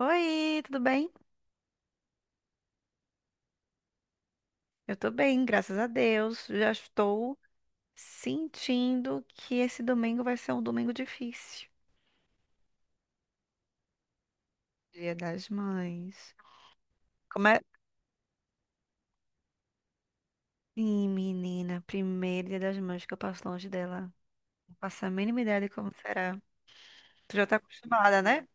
Oi, tudo bem? Eu tô bem, graças a Deus. Já estou sentindo que esse domingo vai ser um domingo difícil. Dia das Mães. Como é? Sim, menina, primeiro dia das mães que eu passo longe dela. Não faço a mínima ideia de como será. Tu já tá acostumada, né?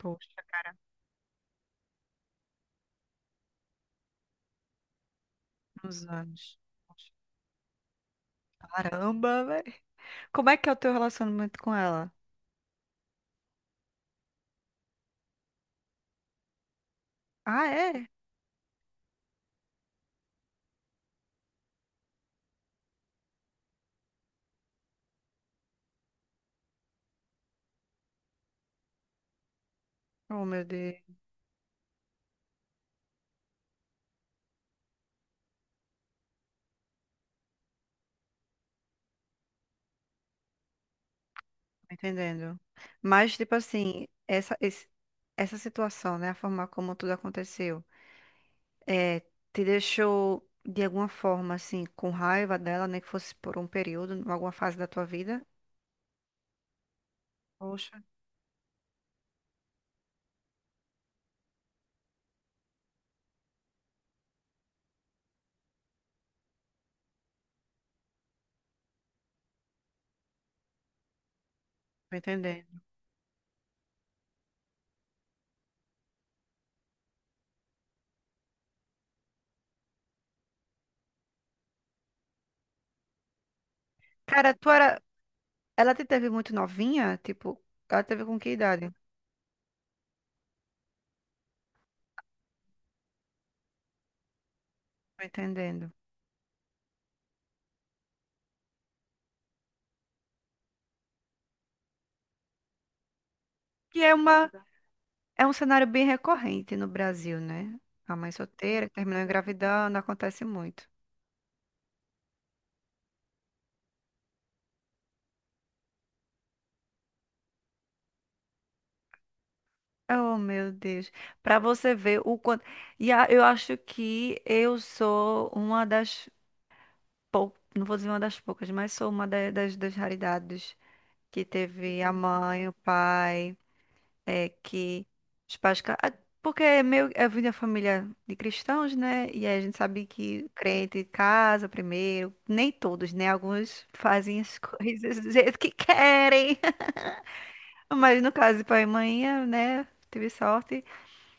Poxa, uns anos. Caramba, velho. Como é que é o teu relacionamento com ela? Ah, é? Oh, meu Deus. Entendendo. Mas, tipo assim, essa situação, né? A forma como tudo aconteceu, é, te deixou de alguma forma, assim, com raiva dela, nem que fosse por um período, em alguma fase da tua vida? Poxa, tô entendendo. Cara, tu era. Ela te teve muito novinha? Tipo, ela teve com que idade? Tô entendendo. Que é uma, é um cenário bem recorrente no Brasil, né? A mãe solteira que terminou engravidando, acontece muito. Oh, meu Deus. Para você ver o quanto. Eu acho que eu sou uma das poucas, não vou dizer uma das poucas, mas sou das raridades que teve a mãe, o pai, é que os pais. Ca- ah, porque é meio, eu vim da família de cristãos, né? E aí a gente sabe que crente casa primeiro. Nem todos, né? Alguns fazem as coisas do jeito que querem. Mas no caso de pai e mãe, né? Tive sorte.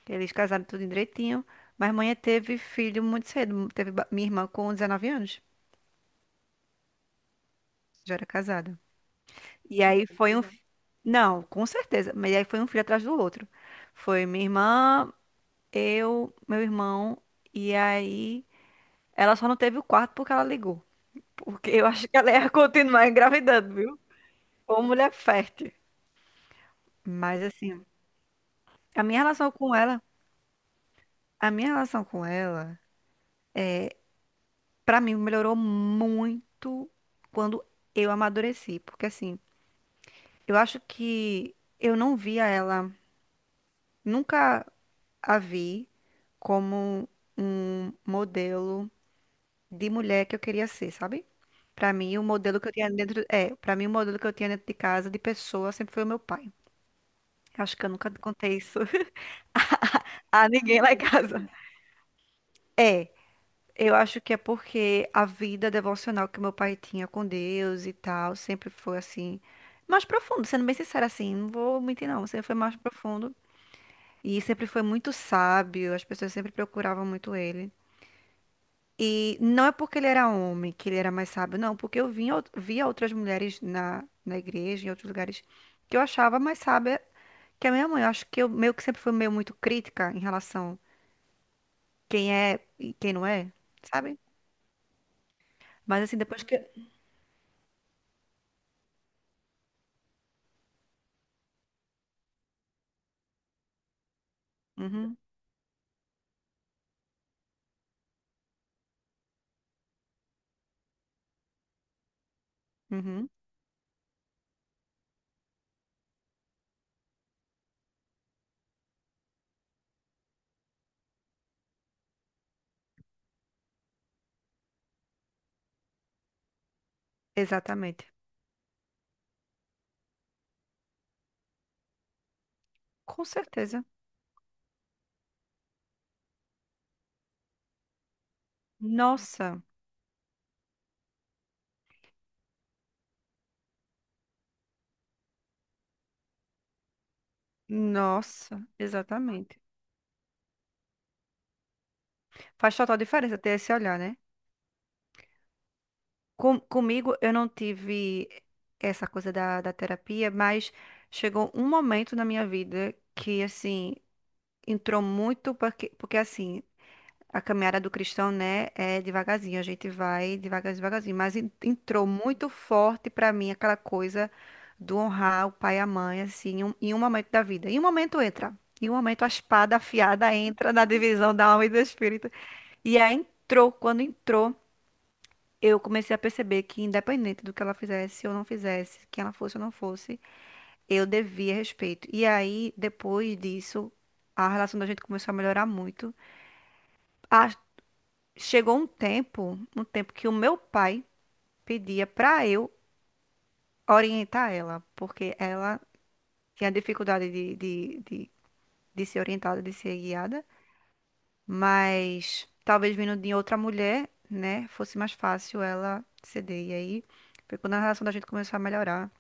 Eles casaram tudo direitinho, mas mãe teve filho muito cedo. Minha irmã com 19 anos, já era casada. E aí foi um. Não, com certeza, mas aí foi um filho atrás do outro. Foi minha irmã, eu, meu irmão, e aí ela só não teve o quarto porque ela ligou. Porque eu acho que ela ia continuar engravidando, viu? Ou mulher fértil. Mas assim, a minha relação com ela, a minha relação com ela, pra mim melhorou muito quando eu amadureci, porque assim. Eu acho que eu não via ela, nunca a vi como um modelo de mulher que eu queria ser, sabe? Pra mim, o modelo que eu tinha dentro, é, para mim o modelo que eu tinha dentro de casa de pessoa sempre foi o meu pai. Acho que eu nunca contei isso a ninguém lá em casa. É, eu acho que é porque a vida devocional que meu pai tinha com Deus e tal, sempre foi assim, mais profundo, sendo bem sincera assim, não vou mentir não, sempre foi mais profundo. E sempre foi muito sábio, as pessoas sempre procuravam muito ele. E não é porque ele era homem que ele era mais sábio, não, porque eu vinha, via outras mulheres na igreja, em outros lugares, que eu achava mais sábia que a minha mãe. Eu acho que eu meio que sempre fui meio muito crítica em relação quem é e quem não é, sabe? Mas assim, depois que. Uhum, uhum, exatamente. Com certeza. Nossa, nossa, exatamente. Faz total diferença ter esse olhar, né? Com- comigo, eu não tive essa coisa da terapia, mas chegou um momento na minha vida que, assim, entrou muito, porque assim, a caminhada do cristão, né, é devagarzinho, a gente vai devagar, devagarzinho, mas entrou muito forte pra mim aquela coisa do honrar o pai e a mãe, assim, em um momento da vida. Em um momento entra, em um momento a espada afiada entra na divisão da alma e do espírito. E aí entrou, quando entrou eu comecei a perceber que, independente do que ela fizesse ou não fizesse, quem ela fosse ou não fosse, eu devia respeito. E aí, depois disso, a relação da gente começou a melhorar muito. Ah, chegou um tempo que o meu pai pedia pra eu orientar ela, porque ela tinha dificuldade de ser orientada, de ser guiada, mas talvez vindo de outra mulher, né, fosse mais fácil ela ceder. E aí, foi quando a relação da gente começou a melhorar.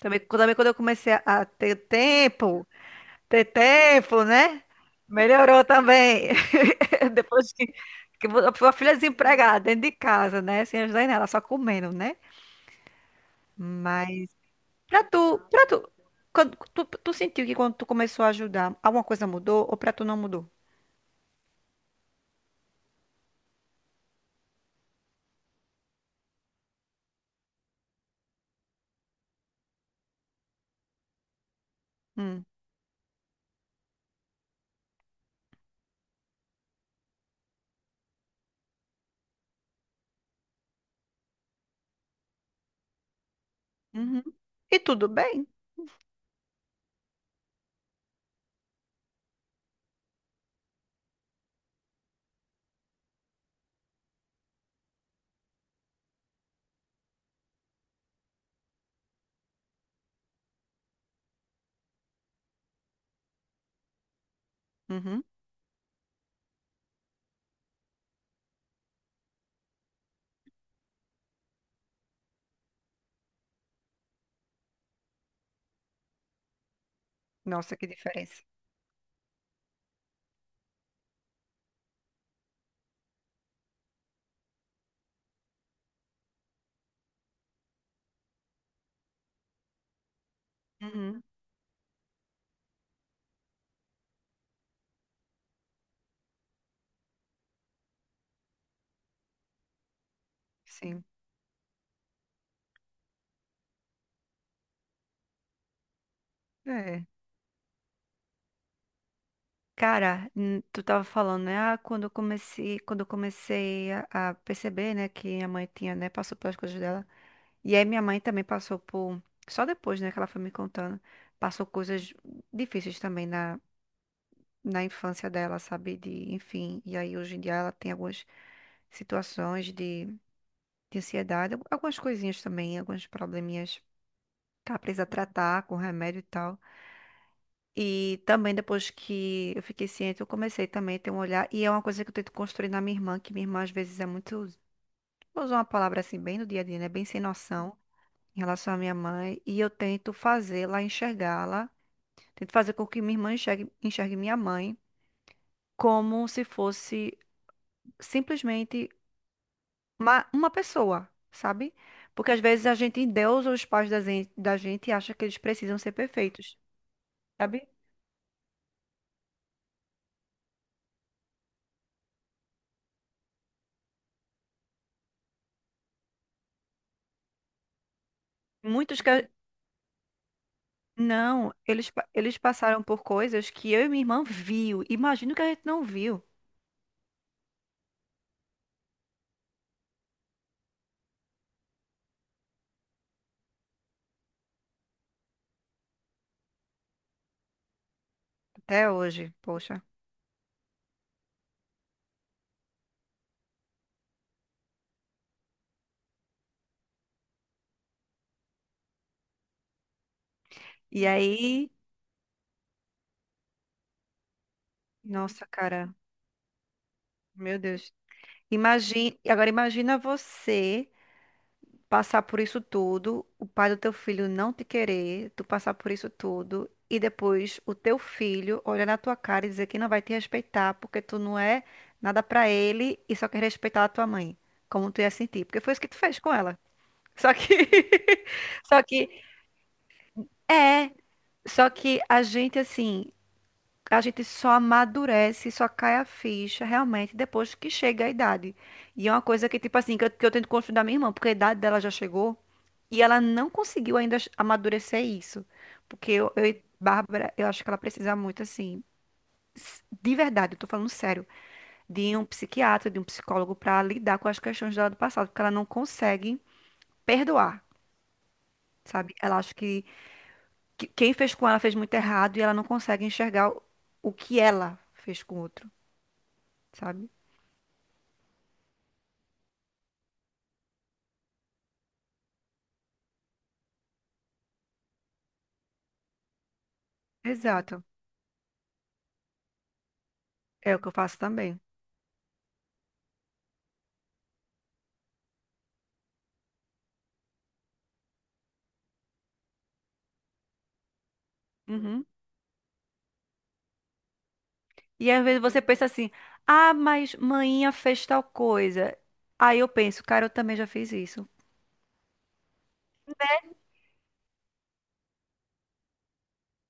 Também, também quando eu comecei a ter tempo, né? Melhorou também. Depois que a filha desempregada dentro de casa, né? Sem ajudar em nada, só comendo, né? Mas pra tu, quando, tu sentiu que quando tu começou a ajudar, alguma coisa mudou ou pra tu não mudou? Hum. Uhum. E tudo bem? Uhum. Nossa, que diferença. Uhum. Sim. É. Cara, tu tava falando, né? Ah, quando eu comecei a perceber, né, que minha mãe tinha, né, passou pelas coisas dela. E aí minha mãe também passou por, só depois, né, que ela foi me contando, passou coisas difíceis também na infância dela, sabe? De, enfim, e aí hoje em dia ela tem algumas situações de ansiedade, algumas coisinhas também, alguns probleminhas que ela precisa tratar com remédio e tal. E também depois que eu fiquei ciente, eu comecei também a ter um olhar. E é uma coisa que eu tento construir na minha irmã, que minha irmã às vezes é muito, vou usar uma palavra assim, bem no dia a dia, né? Bem sem noção em relação à minha mãe. E eu tento fazê-la enxergá-la, tento fazer com que minha irmã enxergue, enxergue minha mãe como se fosse simplesmente uma pessoa, sabe? Porque às vezes a gente endeusa os pais da gente e acha que eles precisam ser perfeitos, sabe? Muitos que Não, eles passaram por coisas que eu e minha irmã viu. Imagino que a gente não viu até hoje, poxa. E aí, nossa, cara, meu Deus. Imagina, agora imagina você passar por isso tudo, o pai do teu filho não te querer, tu passar por isso tudo e depois o teu filho olhar na tua cara e dizer que não vai te respeitar porque tu não é nada pra ele e só quer respeitar a tua mãe. Como tu ia sentir? Porque foi isso que tu fez com ela. Só que Só que É, só que a gente, assim, a gente só amadurece, só cai a ficha realmente depois que chega a idade. E é uma coisa que, tipo assim, que eu tento construir da minha irmã, porque a idade dela já chegou e ela não conseguiu ainda amadurecer isso. Porque eu e Bárbara, eu acho que ela precisa muito, assim, de verdade, eu tô falando sério, de um psiquiatra, de um psicólogo pra lidar com as questões dela do passado, porque ela não consegue perdoar, sabe? Ela acha que. Quem fez com ela fez muito errado e ela não consegue enxergar o que ela fez com o outro, sabe? Exato. É o que eu faço também. Uhum. E às vezes você pensa assim: ah, mas mainha fez tal coisa. Aí eu penso, cara, eu também já fiz isso.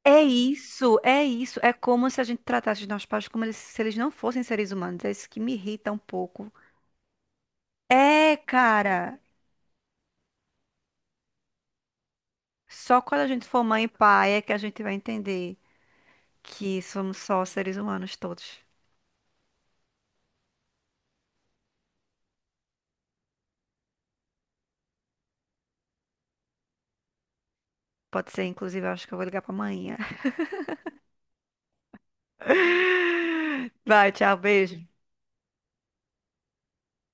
É isso, é isso. É como se a gente tratasse os nossos pais como se eles não fossem seres humanos. É isso que me irrita um pouco. É, cara. Só quando a gente for mãe e pai é que a gente vai entender que somos só seres humanos todos. Pode ser, inclusive, eu acho que eu vou ligar pra amanhã. Vai, tchau, beijo.